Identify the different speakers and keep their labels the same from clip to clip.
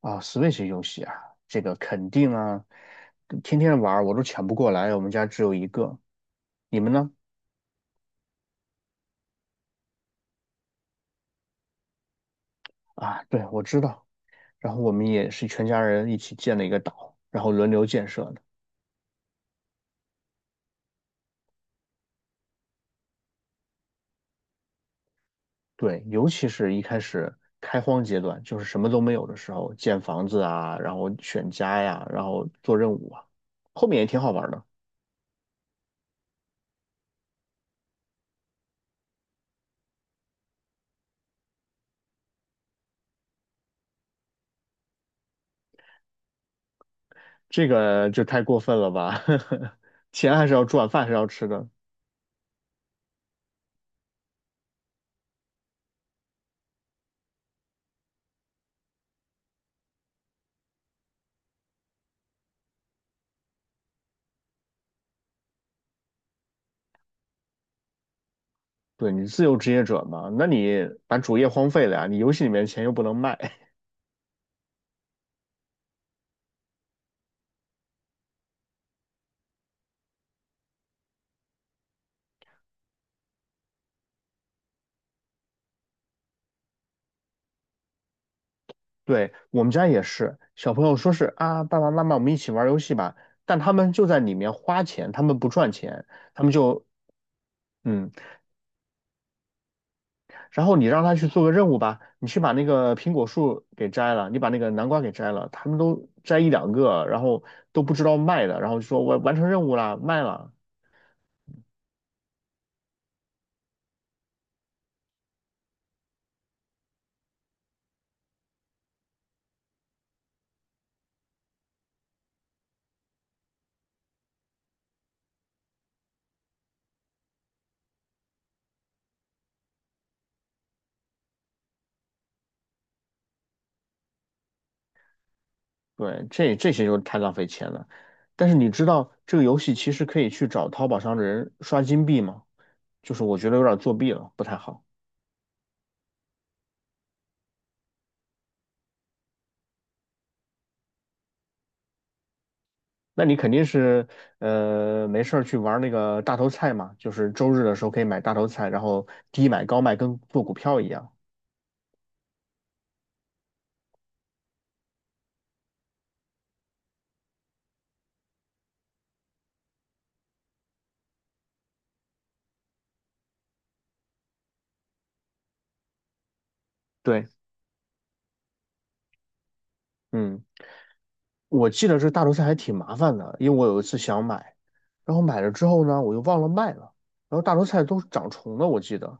Speaker 1: 啊，Switch 游戏啊，这个肯定啊，天天玩儿我都抢不过来，我们家只有一个。你们呢？啊，对，我知道。然后我们也是全家人一起建了一个岛，然后轮流建设的。对，尤其是一开始开荒阶段，就是什么都没有的时候，建房子啊，然后选家呀，然后做任务啊，后面也挺好玩的。这个就太过分了吧？钱还是要赚，饭还是要吃的。对你自由职业者嘛，那你把主业荒废了呀，你游戏里面的钱又不能卖。对，我们家也是，小朋友说是啊，爸爸妈妈我们一起玩游戏吧，但他们就在里面花钱，他们不赚钱，他们就嗯，然后你让他去做个任务吧，你去把那个苹果树给摘了，你把那个南瓜给摘了，他们都摘一两个，然后都不知道卖的，然后就说我完成任务了，卖了，对，这些就太浪费钱了。但是你知道这个游戏其实可以去找淘宝上的人刷金币吗？就是我觉得有点作弊了，不太好。那你肯定是没事儿去玩那个大头菜嘛，就是周日的时候可以买大头菜，然后低买高卖，跟做股票一样。对，嗯，我记得这大头菜还挺麻烦的，因为我有一次想买，然后买了之后呢，我又忘了卖了，然后大头菜都长虫了，我记得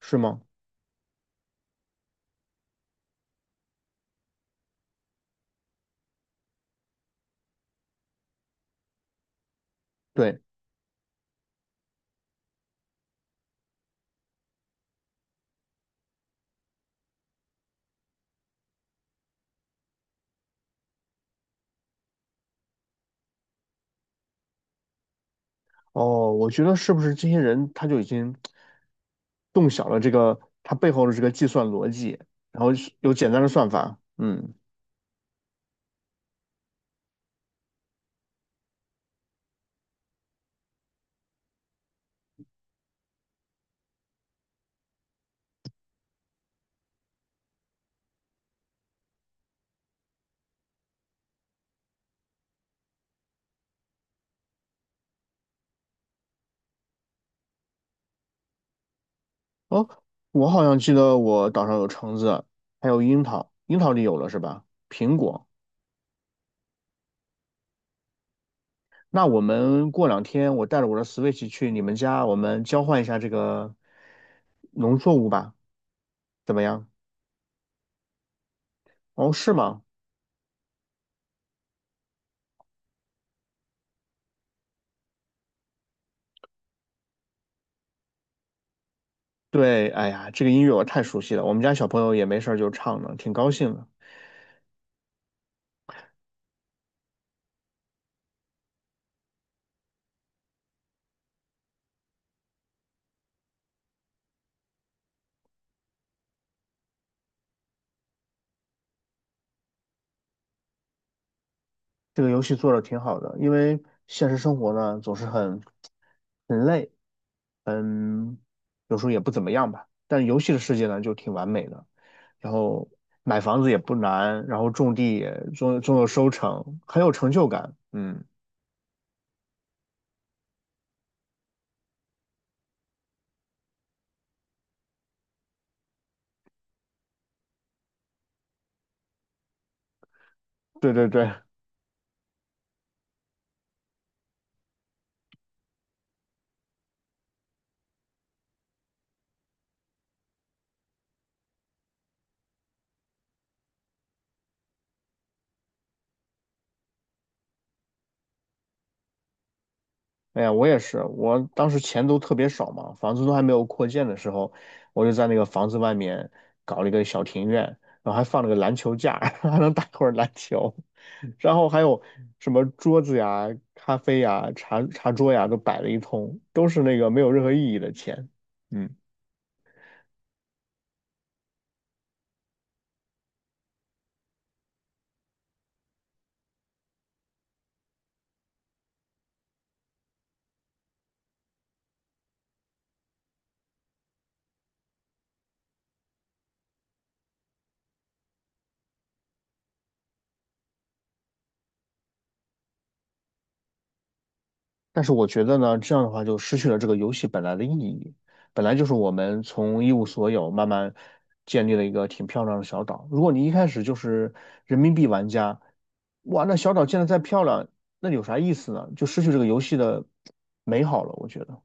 Speaker 1: 是吗？对。哦，我觉得是不是这些人他就已经动小了这个他背后的这个计算逻辑，然后是有简单的算法。嗯，哦，我好像记得我岛上有橙子，还有樱桃，樱桃你有了是吧？苹果。那我们过两天我带着我的 Switch 去你们家，我们交换一下这个农作物吧，怎么样？哦，是吗？对，哎呀，这个音乐我太熟悉了，我们家小朋友也没事儿就唱呢，挺高兴的。这个游戏做的挺好的，因为现实生活呢总是很累，嗯，有时候也不怎么样吧。但游戏的世界呢就挺完美的，然后买房子也不难，然后种地也终有收成，很有成就感。嗯，对对对，哎呀，我也是，我当时钱都特别少嘛，房子都还没有扩建的时候，我就在那个房子外面搞了一个小庭院，然后还放了个篮球架，还能打会儿篮球，然后还有什么桌子呀、咖啡呀、茶桌呀，都摆了一通，都是那个没有任何意义的钱。嗯。但是我觉得呢，这样的话就失去了这个游戏本来的意义。本来就是我们从一无所有慢慢建立了一个挺漂亮的小岛。如果你一开始就是人民币玩家，哇，那小岛建得再漂亮，那有啥意思呢？就失去这个游戏的美好了。我觉得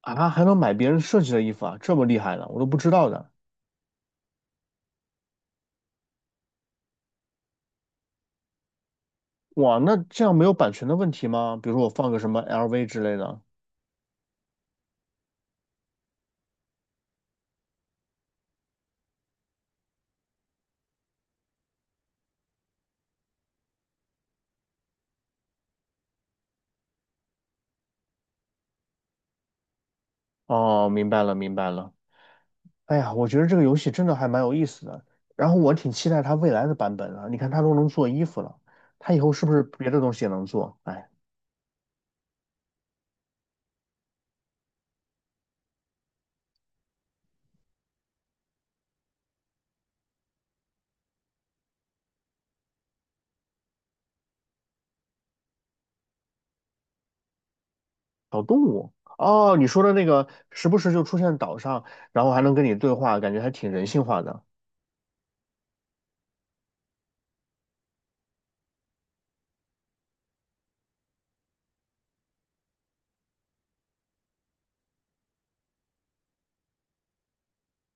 Speaker 1: 啊，还能买别人设计的衣服啊，这么厉害呢，我都不知道的。哇，那这样没有版权的问题吗？比如说我放个什么 LV 之类的。哦，明白了，明白了。哎呀，我觉得这个游戏真的还蛮有意思的，然后我挺期待它未来的版本啊，你看，它都能做衣服了，它以后是不是别的东西也能做？哎，小动物哦，你说的那个时不时就出现岛上，然后还能跟你对话，感觉还挺人性化的。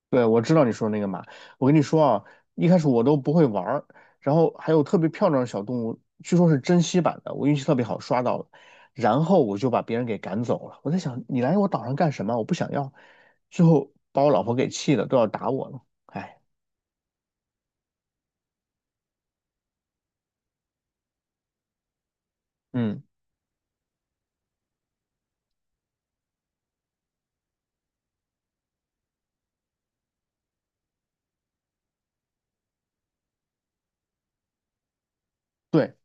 Speaker 1: 对，我知道你说那个马。我跟你说啊，一开始我都不会玩儿，然后还有特别漂亮的小动物，据说是珍稀版的，我运气特别好刷到了，然后我就把别人给赶走了。我在想，你来我岛上干什么？我不想要。最后把我老婆给气的，都要打我了。哎，嗯，对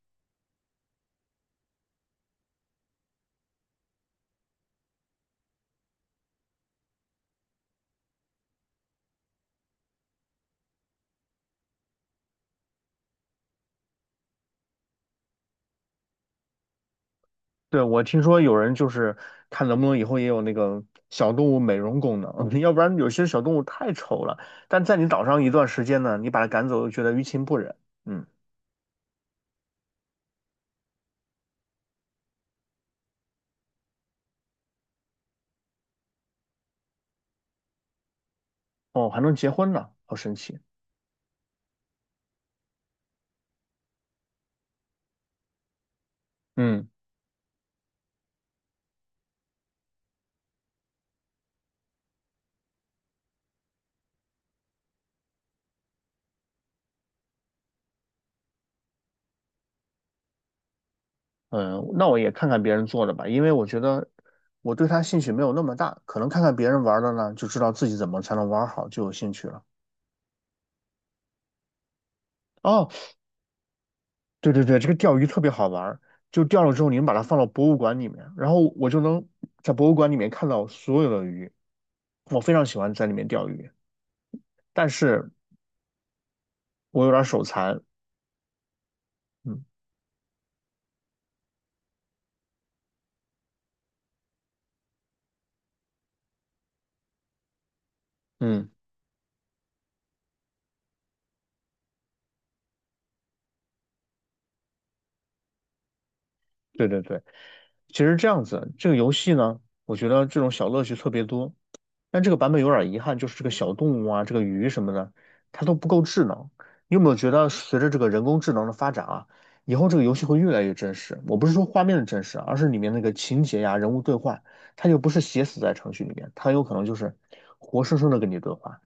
Speaker 1: 对，我听说有人就是看能不能以后也有那个小动物美容功能，要不然有些小动物太丑了，但在你岛上一段时间呢，你把它赶走又觉得于情不忍。嗯。哦，还能结婚呢，好神奇。嗯嗯，那我也看看别人做的吧，因为我觉得我对它兴趣没有那么大，可能看看别人玩的呢，就知道自己怎么才能玩好，就有兴趣了。哦，对对对，这个钓鱼特别好玩儿就钓了之后，你们把它放到博物馆里面，然后我就能在博物馆里面看到所有的鱼。我非常喜欢在里面钓鱼，但是我有点儿手残。嗯嗯。对对对，其实这样子，这个游戏呢，我觉得这种小乐趣特别多，但这个版本有点遗憾，就是这个小动物啊，这个鱼什么的，它都不够智能。你有没有觉得随着这个人工智能的发展啊，以后这个游戏会越来越真实？我不是说画面的真实啊而是里面那个情节呀、人物对话，它就不是写死在程序里面，它有可能就是活生生的跟你对话。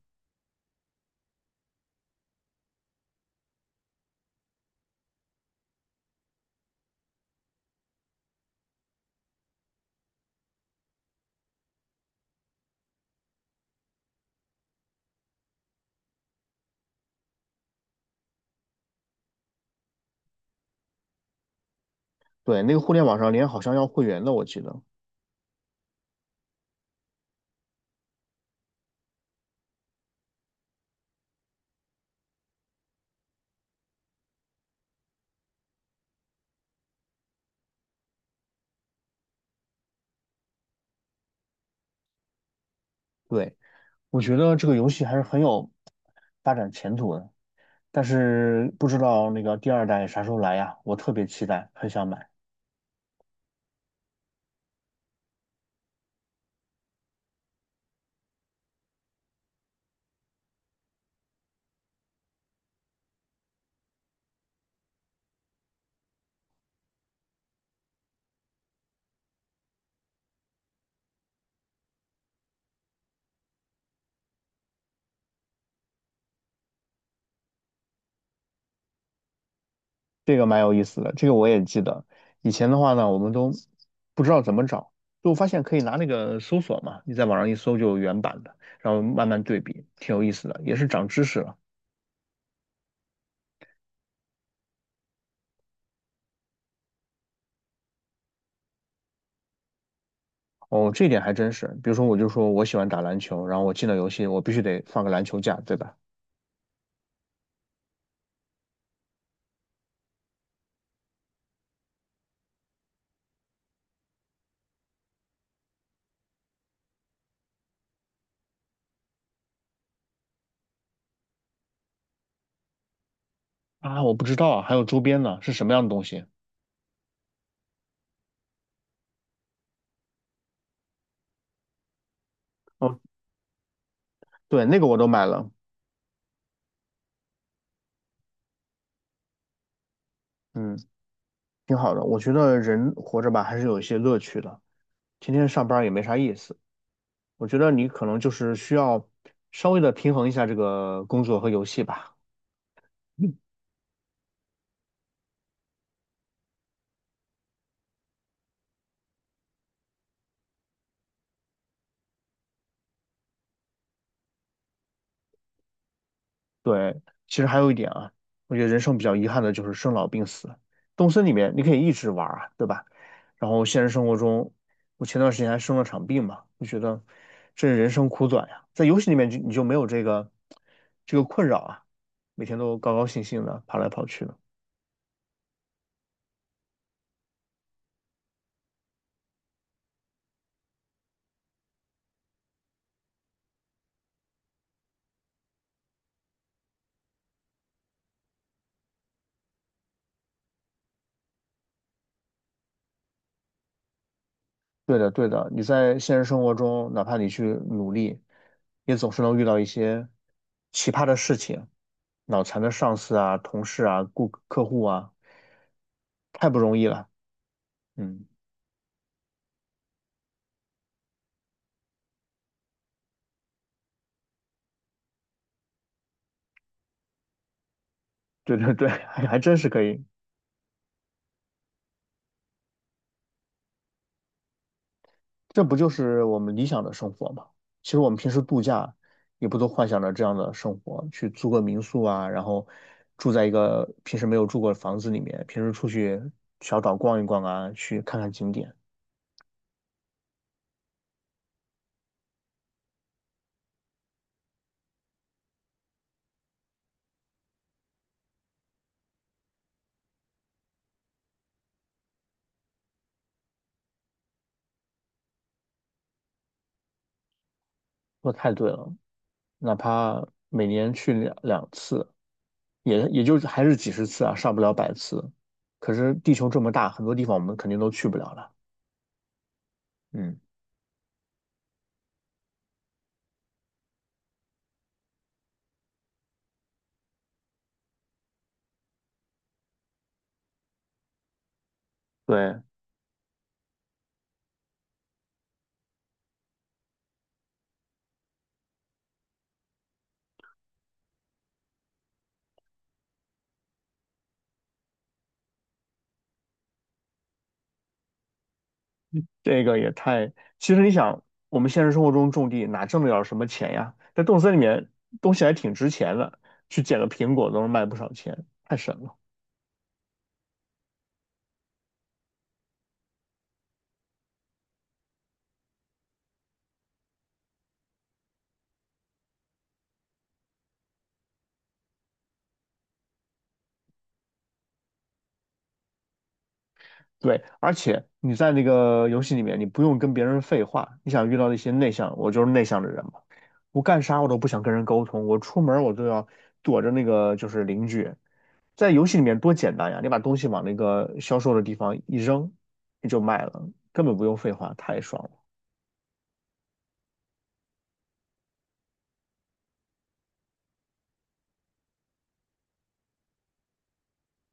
Speaker 1: 对，那个互联网上连好像要会员的，我记得。对，我觉得这个游戏还是很有发展前途的。但是不知道那个第二代啥时候来呀？我特别期待，很想买。这个蛮有意思的，这个我也记得。以前的话呢，我们都不知道怎么找，就发现可以拿那个搜索嘛，你在网上一搜就有原版的，然后慢慢对比，挺有意思的，也是长知识了。哦，这点还真是。比如说，我就说我喜欢打篮球，然后我进了游戏，我必须得放个篮球架，对吧？啊，我不知道啊，还有周边呢，是什么样的东西？哦，对，那个我都买了，嗯，挺好的。我觉得人活着吧，还是有一些乐趣的。天天上班儿也没啥意思。我觉得你可能就是需要稍微的平衡一下这个工作和游戏吧。嗯对，其实还有一点啊，我觉得人生比较遗憾的就是生老病死。动森里面你可以一直玩儿啊，对吧？然后现实生活中，我前段时间还生了场病嘛，就觉得这人生苦短呀。在游戏里面就你就没有这个困扰啊，每天都高高兴兴的跑来跑去的。对的，对的，你在现实生活中，哪怕你去努力，也总是能遇到一些奇葩的事情，脑残的上司啊、同事啊、顾客户啊，太不容易了。嗯，对对对，还真是可以，这不就是我们理想的生活吗？其实我们平时度假，也不都幻想着这样的生活，去租个民宿啊，然后住在一个平时没有住过的房子里面，平时出去小岛逛一逛啊，去看看景点，说得太对了。哪怕每年去两次，也就是还是几十次啊，上不了百次。可是地球这么大，很多地方我们肯定都去不了了。嗯，对，这个也太……其实你想，我们现实生活中种地哪挣得了什么钱呀？在动森里面，东西还挺值钱的，去捡个苹果都能卖不少钱，太神了。对，而且你在那个游戏里面，你不用跟别人废话。你想遇到一些内向，我就是内向的人嘛，我干啥我都不想跟人沟通，我出门儿我都要躲着那个就是邻居。在游戏里面多简单呀，你把东西往那个销售的地方一扔，你就卖了，根本不用废话，太爽了。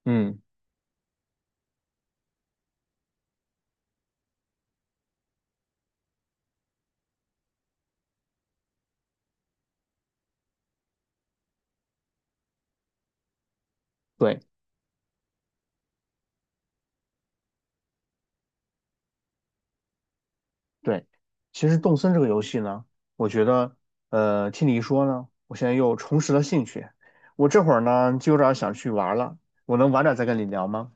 Speaker 1: 嗯，对对，其实动森这个游戏呢，我觉得，听你一说呢，我现在又重拾了兴趣。我这会儿呢，就有点儿想去玩了，我能晚点再跟你聊吗？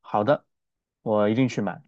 Speaker 1: 好的，我一定去买。